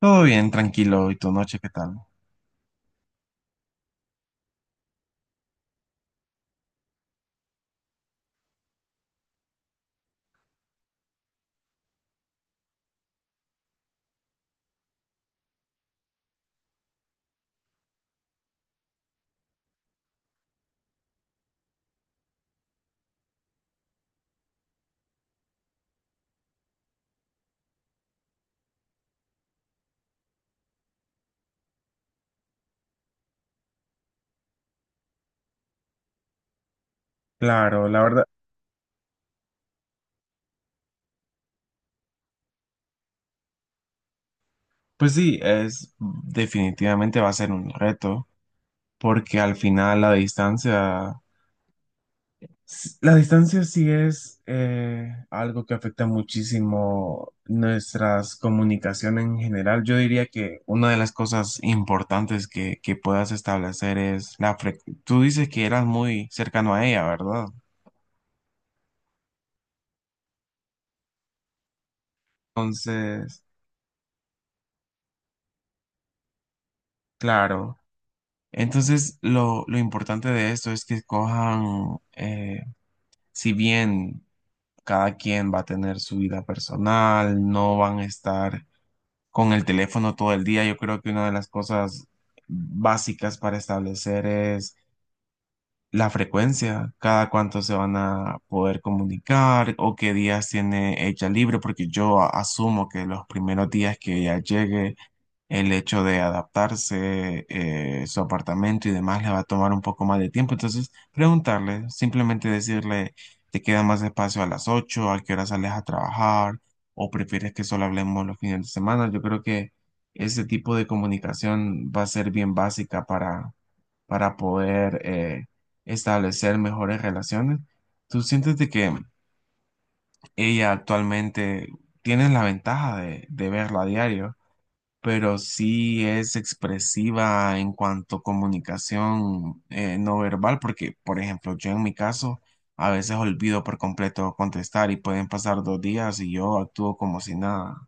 Todo bien, tranquilo. ¿Y tu noche qué tal? Claro, la verdad, pues sí, es definitivamente va a ser un reto, porque al final la distancia, la distancia sí es algo que afecta muchísimo nuestras comunicaciones en general. Yo diría que una de las cosas importantes que puedas establecer es la frecuencia. Tú dices que eras muy cercano a ella, ¿verdad? Entonces, claro. Entonces, lo importante de esto es que cojan, si bien cada quien va a tener su vida personal, no van a estar con el teléfono todo el día, yo creo que una de las cosas básicas para establecer es la frecuencia, cada cuánto se van a poder comunicar o qué días tiene ella libre, porque asumo que los primeros días que ella llegue el hecho de adaptarse, su apartamento y demás le va a tomar un poco más de tiempo. Entonces, preguntarle, simplemente decirle, ¿te queda más espacio a las ocho? ¿A qué hora sales a trabajar? ¿O prefieres que solo hablemos los fines de semana? Yo creo que ese tipo de comunicación va a ser bien básica para poder establecer mejores relaciones. ¿Tú sientes de que ella actualmente tiene la ventaja de verla a diario? Pero sí es expresiva en cuanto a comunicación no verbal, porque, por ejemplo, yo en mi caso a veces olvido por completo contestar y pueden pasar dos días y yo actúo como si nada,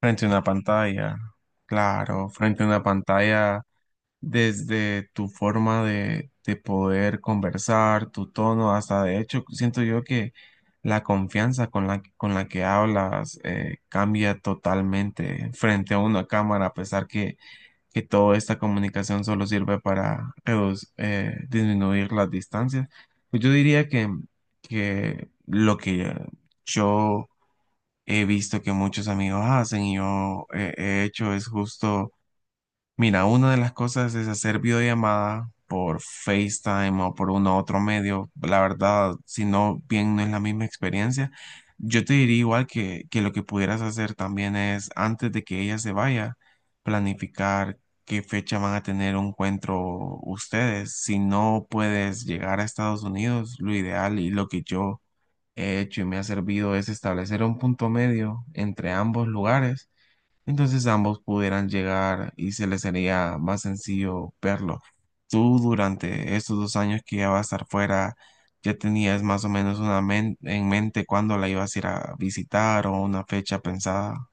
frente a una pantalla, claro, frente a una pantalla. Desde tu forma de poder conversar, tu tono, hasta de hecho siento yo que la confianza con con la que hablas cambia totalmente frente a una cámara, a pesar que toda esta comunicación solo sirve para disminuir las distancias. Pues yo diría que lo que yo he visto que muchos amigos hacen y yo he hecho es justo. Mira, una de las cosas es hacer videollamada por FaceTime o por uno u otro medio. La verdad, si no, bien no es la misma experiencia. Yo te diría igual que lo que pudieras hacer también es, antes de que ella se vaya, planificar qué fecha van a tener un encuentro ustedes. Si no puedes llegar a Estados Unidos, lo ideal y lo que yo he hecho y me ha servido es establecer un punto medio entre ambos lugares, entonces ambos pudieran llegar y se les sería más sencillo verlo. Tú durante estos dos años que ya vas a estar fuera, ya tenías más o menos en mente cuándo la ibas a ir a visitar o una fecha pensada.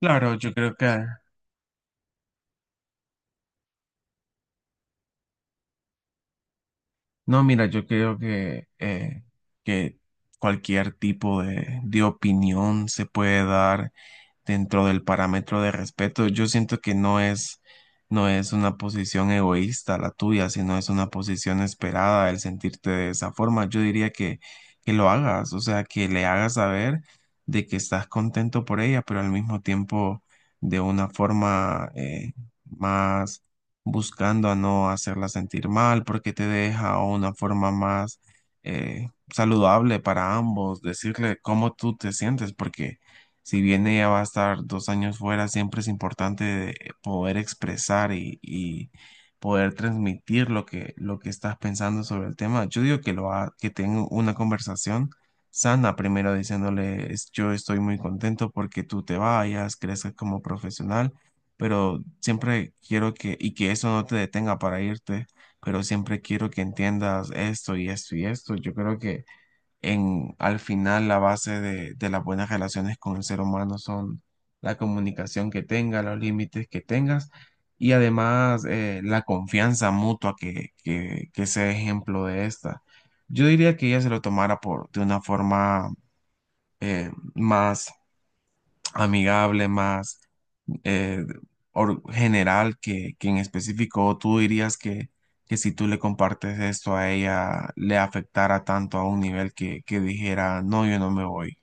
Claro, yo creo que... No, mira, yo creo que cualquier tipo de opinión se puede dar dentro del parámetro de respeto. Yo siento que no es, no es una posición egoísta la tuya, sino es una posición esperada el sentirte de esa forma. Yo diría que lo hagas, o sea, que le hagas saber de que estás contento por ella, pero al mismo tiempo de una forma más buscando a no hacerla sentir mal, porque te deja o una forma más eh, saludable para ambos, decirle cómo tú te sientes, porque si bien ella va a estar dos años fuera, siempre es importante de poder expresar y poder transmitir lo lo que estás pensando sobre el tema. Yo digo que que tengo una conversación sana, primero diciéndole, Yo estoy muy contento porque tú te vayas, crezcas como profesional, pero siempre quiero y que eso no te detenga para irte, pero siempre quiero que entiendas esto y esto y esto. Yo creo que al final la base de las buenas relaciones con el ser humano son la comunicación que tenga, los límites que tengas y además la confianza mutua que sea ejemplo de esta. Yo diría que ella se lo tomara por, de una forma eh, más amigable, más eh, general que en específico tú dirías que si tú le compartes esto a ella le afectara tanto a un nivel que dijera, no, yo no me voy.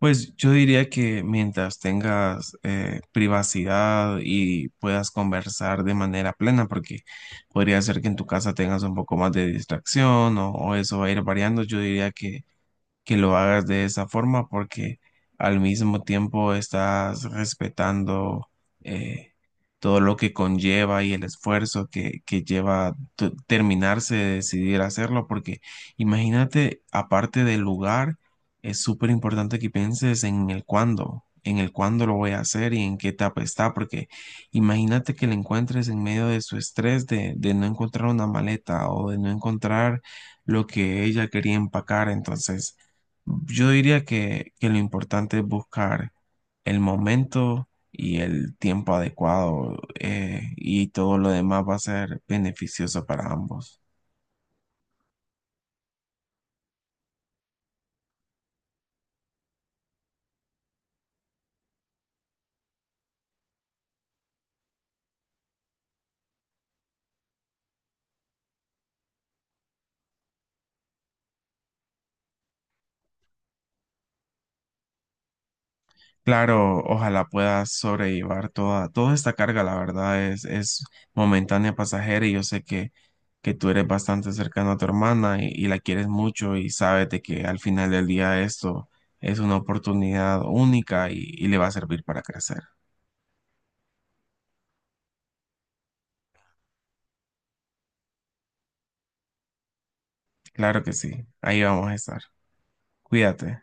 Pues yo diría que mientras tengas privacidad y puedas conversar de manera plena, porque podría ser que en tu casa tengas un poco más de distracción o eso va a ir variando, yo diría que lo hagas de esa forma porque al mismo tiempo estás respetando eh, todo lo que conlleva y el esfuerzo que lleva terminarse de decidir hacerlo porque imagínate, aparte del lugar, es súper importante que pienses en el cuándo, en el cuándo lo voy a hacer y en qué etapa está, porque imagínate que lo encuentres en medio de su estrés de no encontrar una maleta o de no encontrar lo que ella quería empacar, entonces yo diría que lo importante es buscar el momento y el tiempo adecuado y todo lo demás va a ser beneficioso para ambos. Claro, ojalá puedas sobrellevar toda, toda esta carga, la verdad es momentánea, pasajera y yo sé que tú eres bastante cercano a tu hermana y la quieres mucho y sabes de que al final del día esto es una oportunidad única y le va a servir para crecer. Claro que sí, ahí vamos a estar. Cuídate.